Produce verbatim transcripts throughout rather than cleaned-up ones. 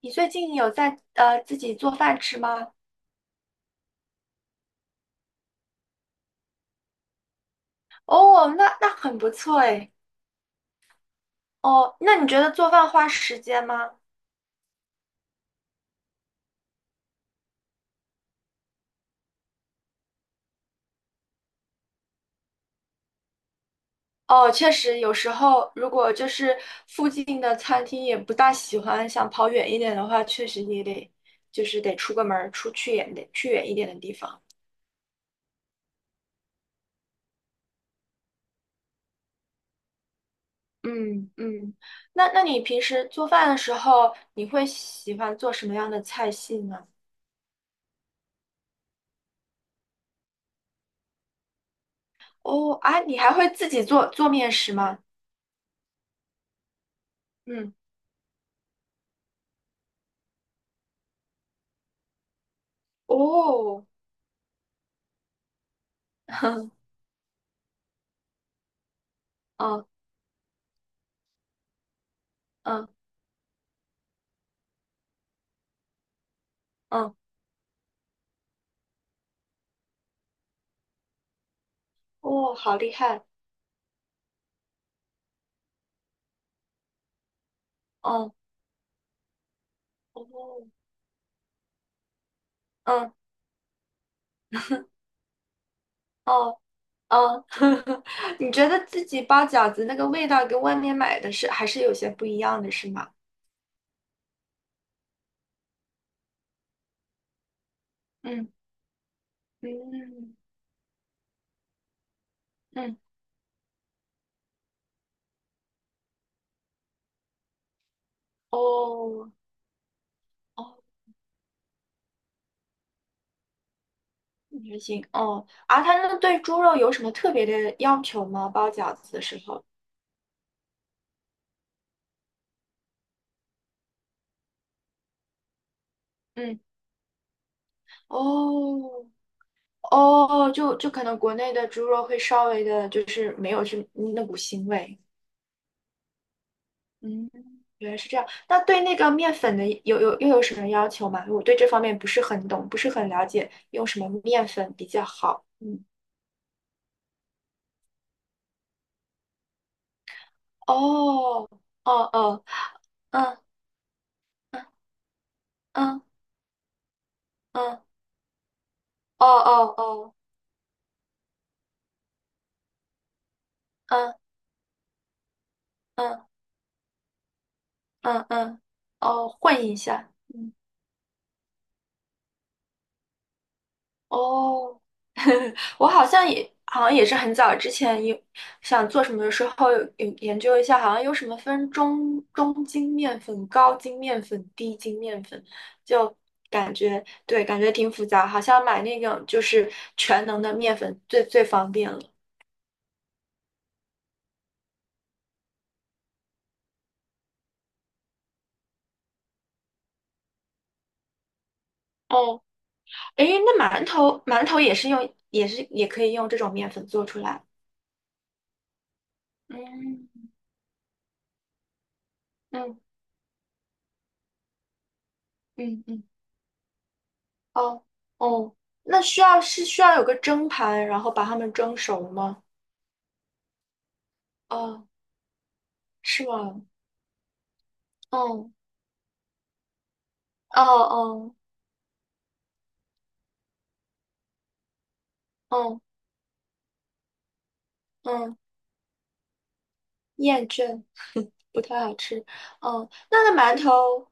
你最近有在呃自己做饭吃吗？哦，那那很不错诶。哦，那你觉得做饭花时间吗？哦，确实，有时候如果就是附近的餐厅也不大喜欢，想跑远一点的话，确实也得就是得出个门儿，出去远点，去远一点的地方。嗯嗯，那那你平时做饭的时候，你会喜欢做什么样的菜系呢？哦啊，你还会自己做做面食吗？嗯，哦，嗯嗯。嗯哦，好厉害！嗯哦，哦嗯哦哦，你觉得自己包饺子那个味道跟外面买的是还是有些不一样的，是吗？嗯嗯，嗯，哦哦，还行哦。啊，他那对猪肉有什么特别的要求吗？包饺子的时候？嗯，哦哦，就就可能国内的猪肉会稍微的，就是没有这那股腥味。嗯，原来是这样。那对那个面粉的有有又有什么要求吗？我对这方面不是很懂，不是很了解，用什么面粉比较好？嗯，哦，哦哦，嗯嗯嗯嗯，哦哦哦，嗯嗯嗯嗯，哦，混一下。嗯哦，我好像也好像也是很早之前有想做什么的时候有有研究一下，好像有什么分中中筋面粉、高筋面粉、低筋面粉，就感觉对，感觉挺复杂，好像买那种就是全能的面粉最最方便了。哦，诶，那馒头馒头也是用也是也可以用这种面粉做出来。嗯嗯嗯嗯。哦哦，那需要是需要有个蒸盘，然后把它们蒸熟吗？哦，是吗？嗯，哦哦哦嗯，厌倦，不太好吃。嗯，那那馒头，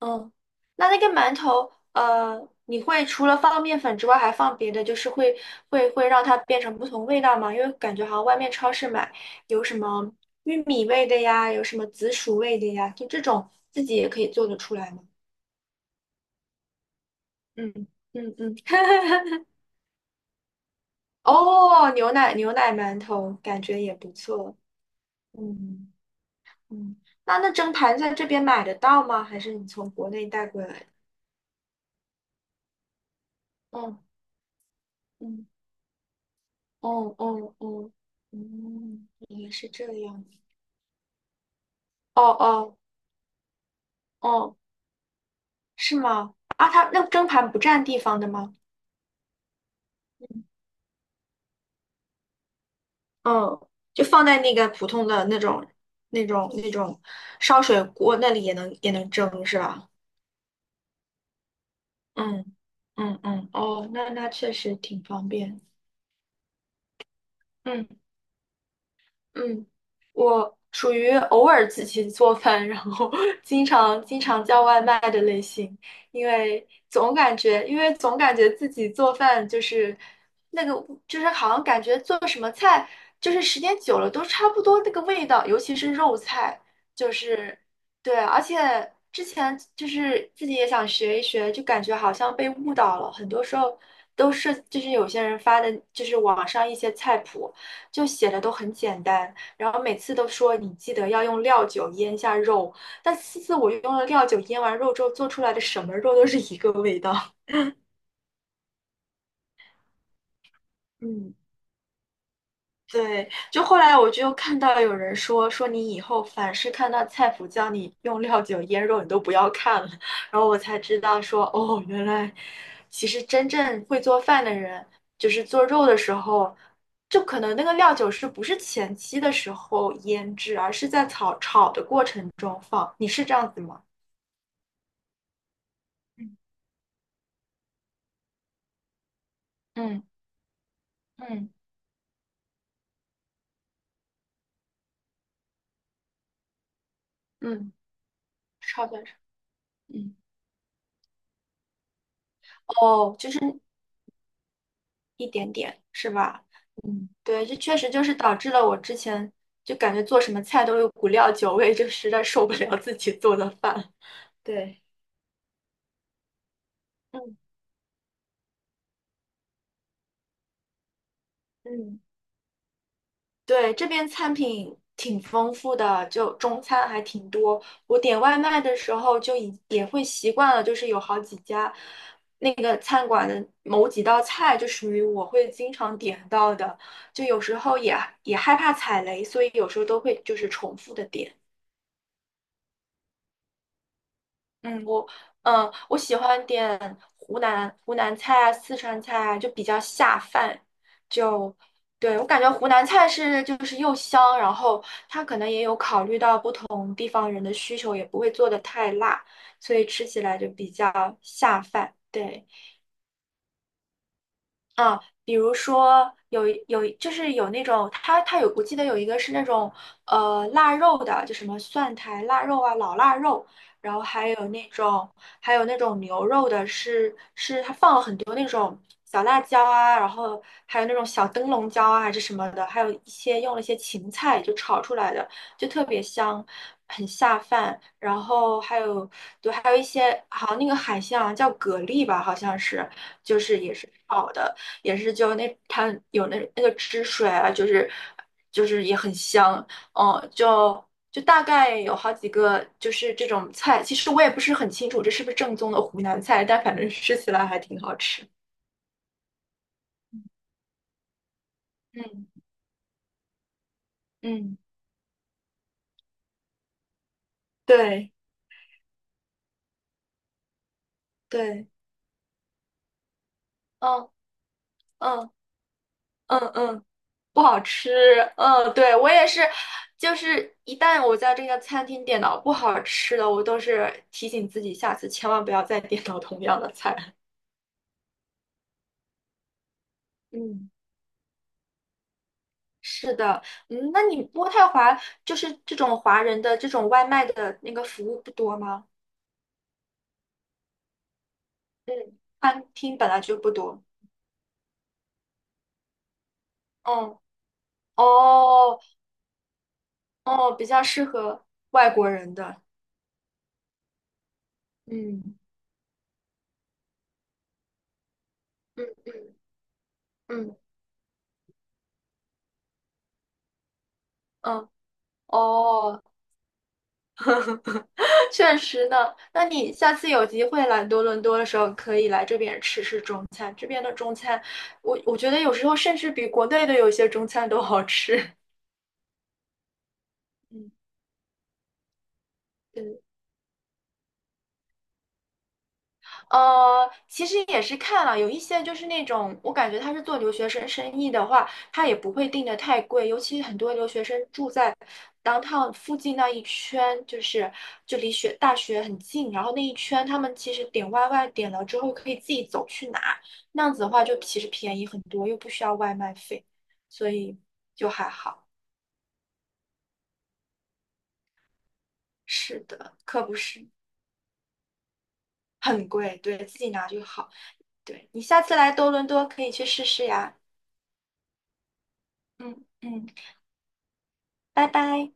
嗯，那那个馒头，呃，你会除了放面粉之外，还放别的，就是会会会让它变成不同味道吗？因为感觉好像外面超市买有什么玉米味的呀，有什么紫薯味的呀，就这种自己也可以做得出来吗？嗯嗯嗯。哦，牛奶牛奶馒头感觉也不错。嗯嗯，那那蒸盘在这边买得到吗？还是你从国内带过来的？嗯嗯哦哦哦，嗯，原来是这样。哦哦哦，是吗？啊，它那蒸盘不占地方的吗？嗯，就放在那个普通的那种、那种、那种烧水锅那里也能也能蒸是吧？嗯嗯嗯，哦，那那确实挺方便。嗯。嗯，我属于偶尔自己做饭，然后 经常经常叫外卖的类型，因为总感觉，因为总感觉自己做饭就是那个，就是好像感觉做什么菜，就是时间久了都差不多那个味道，尤其是肉菜，就是对，而且之前就是自己也想学一学，就感觉好像被误导了，很多时候都是就是有些人发的，就是网上一些菜谱。就写的都很简单，然后每次都说你记得要用料酒腌下肉，但次次我用了料酒腌完肉之后做出来的什么肉都是一个味道。嗯。对，就后来我就又看到有人说说你以后凡是看到菜谱教你用料酒腌肉，你都不要看了。然后我才知道说哦，原来其实真正会做饭的人，就是做肉的时候，就可能那个料酒是不是前期的时候腌制，而是在炒炒的过程中放。你是这样子吗？嗯嗯嗯嗯，炒的，嗯哦，就是。一点点，是吧？嗯，对，这确实就是导致了我之前就感觉做什么菜都有股料酒味，就实在受不了自己做的饭。对，嗯嗯，对，这边餐品挺丰富的，就中餐还挺多。我点外卖的时候就已也会习惯了，就是有好几家那个餐馆的某几道菜就属于我会经常点到的，就有时候也也害怕踩雷，所以有时候都会就是重复的点。嗯，我嗯，我喜欢点湖南湖南菜啊、四川菜啊，就比较下饭。就对我感觉湖南菜是就是又香，然后它可能也有考虑到不同地方人的需求，也不会做的太辣，所以吃起来就比较下饭。对。啊，比如说有有就是有那种，它它有，我记得有一个是那种呃腊肉的，就什么蒜苔腊肉啊、老腊肉，然后还有那种还有那种牛肉的是，是它放了很多那种小辣椒啊，然后还有那种小灯笼椒啊还是什么的，还有一些用了一些芹菜就炒出来的，就特别香，很下饭。然后还有对，还有一些好像那个海鲜好像叫蛤蜊吧，好像是就是也是炒的。也是就那它有那那个汁水啊，就是就是也很香，嗯，就就大概有好几个就是这种菜，其实我也不是很清楚这是不是正宗的湖南菜，但反正吃起来还挺好吃。嗯嗯，对对，嗯嗯嗯嗯，不好吃，嗯，对我也是。就是一旦我在这个餐厅点到不好吃的，我都是提醒自己下次千万不要再点到同样的菜。嗯。是的，嗯，那你渥太华就是这种华人的这种外卖的那个服务不多吗？嗯，餐厅本来就不多。嗯，哦，哦，比较适合外国人的。嗯嗯嗯嗯嗯，哦，确实呢。那你下次有机会来多伦多的时候，可以来这边吃吃中餐。这边的中餐，我我觉得有时候甚至比国内的有一些中餐都好吃。嗯，嗯。呃，其实也是看了，有一些就是那种，我感觉他是做留学生生意的话，他也不会定的太贵，尤其很多留学生住在 downtown 附近那一圈，就是就离学大学很近，然后那一圈他们其实点外卖点了之后可以自己走去拿，那样子的话就其实便宜很多，又不需要外卖费，所以就还好。是的，可不是很贵，对，自己拿就好。对，你下次来多伦多可以去试试呀。嗯嗯。拜拜。